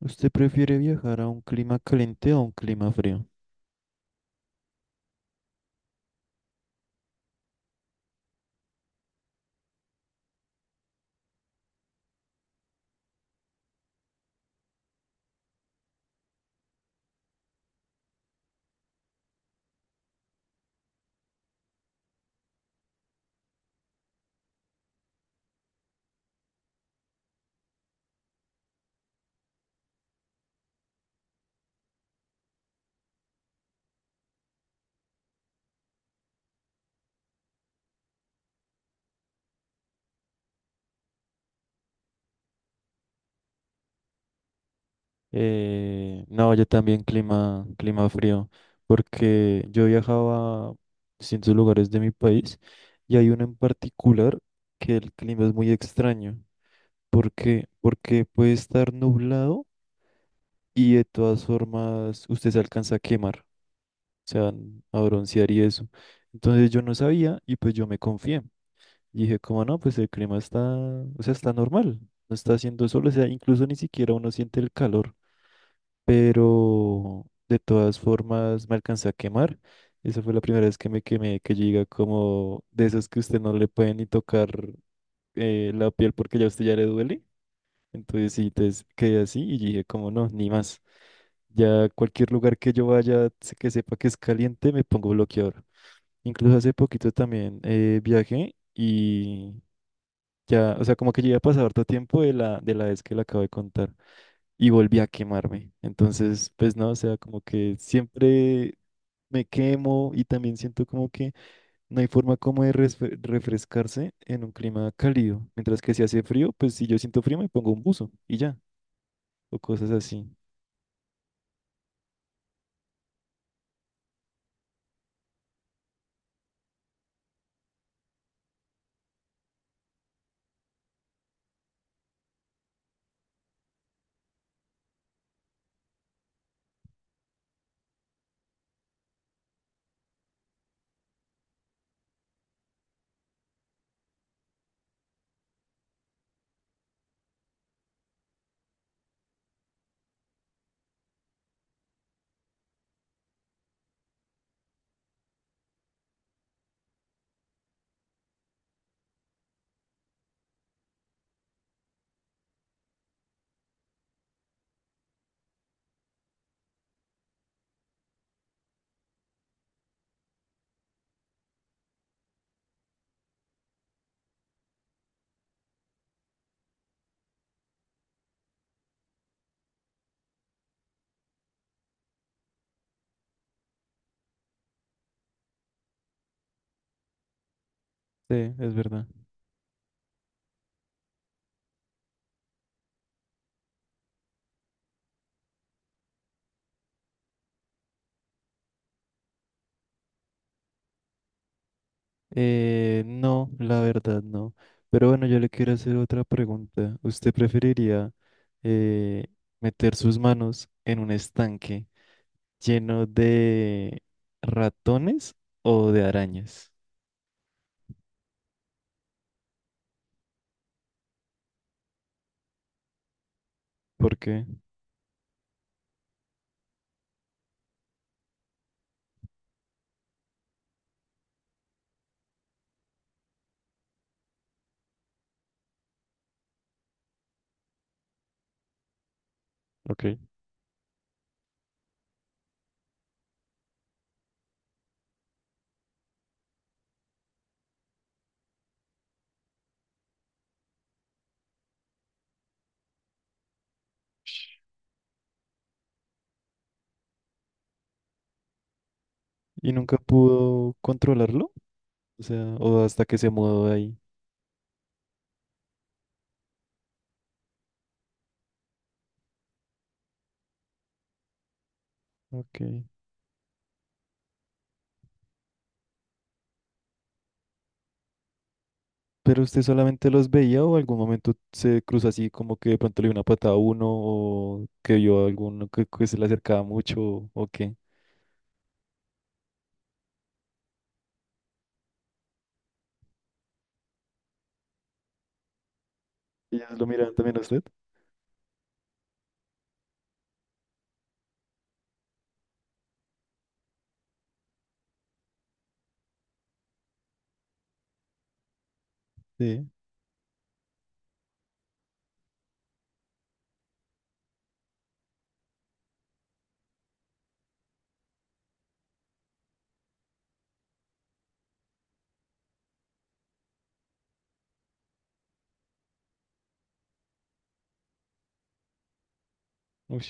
¿Usted prefiere viajar a un clima caliente o a un clima frío? No, yo también clima frío, porque yo viajaba a distintos lugares de mi país y hay uno en particular que el clima es muy extraño. ¿Por qué? Porque puede estar nublado y de todas formas usted se alcanza a quemar, o sea, a broncear y eso. Entonces yo no sabía y pues yo me confié. Y dije, como no, pues el clima está, o sea, está normal, no está haciendo sol, o sea, incluso ni siquiera uno siente el calor, pero de todas formas me alcancé a quemar. Esa fue la primera vez que me quemé, que llega como de esos que usted no le puede ni tocar la piel porque ya a usted ya le duele. Entonces sí, entonces quedé así y dije, como no, ni más. Ya cualquier lugar que yo vaya, que sepa que es caliente, me pongo bloqueador. Incluso hace poquito también viajé y ya, o sea, como que ya había pasado harto tiempo de de la vez que le acabo de contar y volví a quemarme. Entonces, pues no, o sea, como que siempre me quemo y también siento como que no hay forma como de refrescarse en un clima cálido. Mientras que si hace frío, pues si yo siento frío me pongo un buzo y ya, o cosas así. Sí, es verdad. No, la verdad no. Pero bueno, yo le quiero hacer otra pregunta. ¿Usted preferiría eh, meter sus manos en un estanque lleno de ratones o de arañas? ¿Por qué? Ok. ¿Y nunca pudo controlarlo, o sea, o hasta que se mudó de ahí? Ok. ¿Pero usted solamente los veía o algún momento se cruzó así como que de pronto le dio una patada a uno o que vio a alguno que se le acercaba mucho o qué? ¿Ellos lo miraban también a usted? Sí. Uy.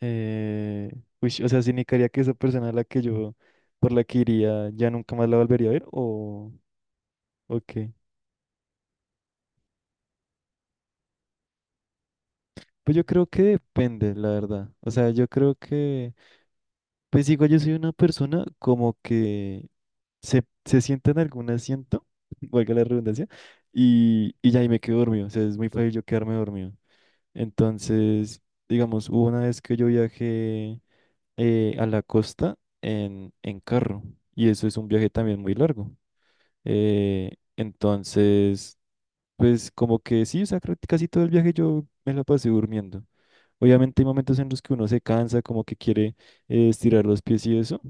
Eh, Uy, o sea, ¿significaría que esa persona a la que yo, por la que iría, ya nunca más la volvería a ver o qué? Pues yo creo que depende, la verdad. O sea, yo creo que, pues igual yo soy una persona como que se sienta en algún asiento, valga la redundancia, y ya ahí me quedo dormido. O sea, es muy fácil yo quedarme dormido. Entonces, digamos, hubo una vez que yo viajé a la costa en carro, y eso es un viaje también muy largo. Entonces... Pues como que sí, o sea, creo casi todo el viaje yo me la pasé durmiendo. Obviamente hay momentos en los que uno se cansa, como que quiere estirar los pies y eso.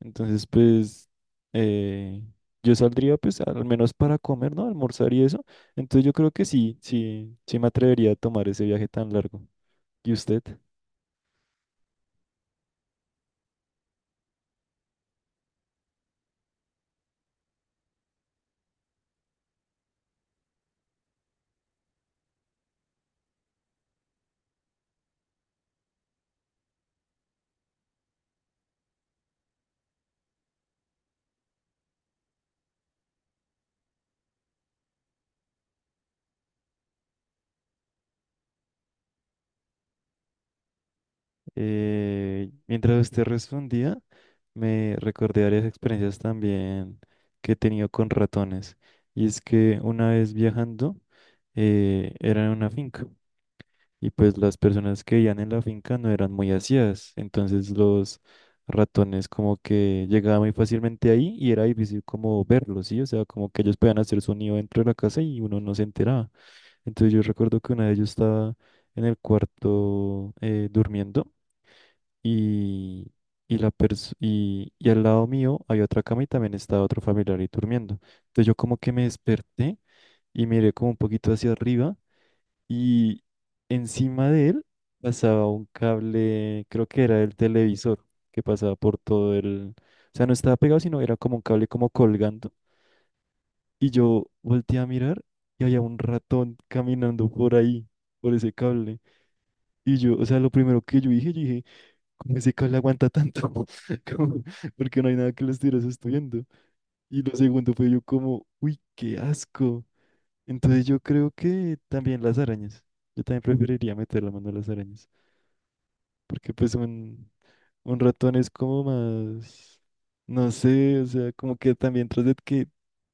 Entonces, pues eh, yo saldría pues al menos para comer, ¿no? Almorzar y eso. Entonces yo creo que sí, sí, sí me atrevería a tomar ese viaje tan largo. ¿Y usted? Mientras usted respondía, me recordé varias experiencias también que he tenido con ratones. Y es que una vez viajando, era en una finca. Y pues las personas que vivían en la finca no eran muy aseadas. Entonces los ratones como que llegaban muy fácilmente ahí y era difícil como verlos, ¿sí? O sea, como que ellos podían hacer sonido dentro de la casa y uno no se enteraba. Entonces yo recuerdo que una de ellos estaba en el cuarto durmiendo y, y al lado mío había otra cama y también estaba otro familiar ahí durmiendo. Entonces yo como que me desperté y miré como un poquito hacia arriba y encima de él pasaba un cable, creo que era el televisor, que pasaba por todo el... O sea, no estaba pegado, sino era como un cable como colgando. Y yo volteé a mirar y había un ratón caminando por ahí, por ese cable. O sea, lo primero que yo dije... ¿Cómo ese le aguanta tanto? Como... Porque no hay nada que lo estuviera estudiando. Y lo segundo fue yo como, uy, qué asco. Entonces yo creo que también las arañas. Yo también preferiría meter la mano a las arañas. Porque pues un ratón es como más, no sé, o sea, como que también tras de que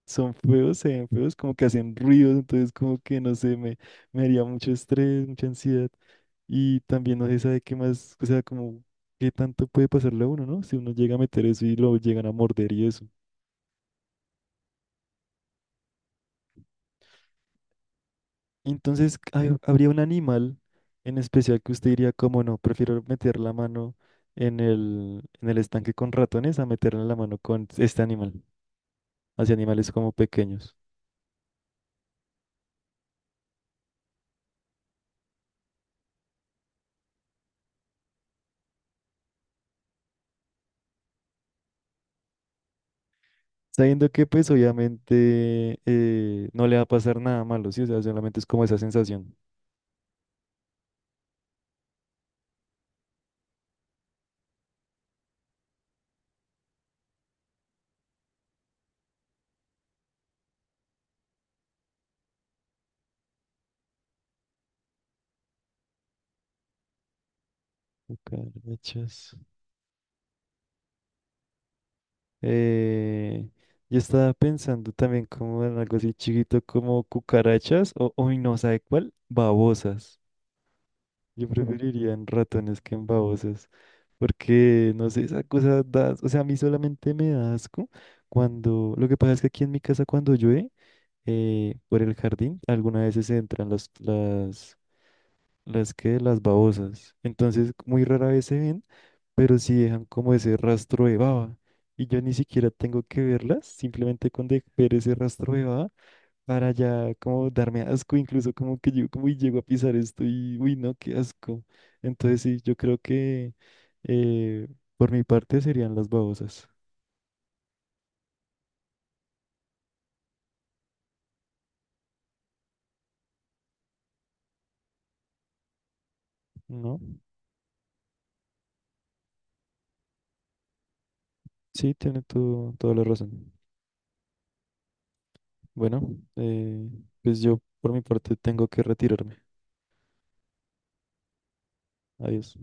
son feos, se ven feos, como que hacen ruidos, entonces como que no sé, me haría mucho estrés, mucha ansiedad. Y también no se sabe qué más, o sea, como qué tanto puede pasarle a uno, ¿no? Si uno llega a meter eso y lo llegan a morder y eso. Entonces, ¿habría un animal en especial que usted diría, como no, prefiero meter la mano en en el estanque con ratones a meterle la mano con este animal, hacia animales como pequeños? Sabiendo que pues obviamente no le va a pasar nada malo, ¿sí? O sea, solamente es como esa sensación. Cucarachas. Eh, yo estaba pensando también como en algo así chiquito como cucarachas o, hoy no, ¿sabe cuál? Babosas. Yo preferiría en ratones que en babosas, porque no sé, esa cosa da, o sea, a mí solamente me da asco cuando, lo que pasa es que aquí en mi casa cuando llueve, por el jardín, algunas veces se entran las que, las babosas, entonces muy rara vez se ven, pero sí dejan como ese rastro de baba, y yo ni siquiera tengo que verlas, simplemente con ese rastro de baba para ya como darme asco, incluso como que yo como y llego a pisar esto y uy no, qué asco. Entonces sí, yo creo que eh, por mi parte serían las babosas, ¿no? Sí, tiene todo, toda la razón. Bueno, eh, pues yo por mi parte tengo que retirarme. Adiós.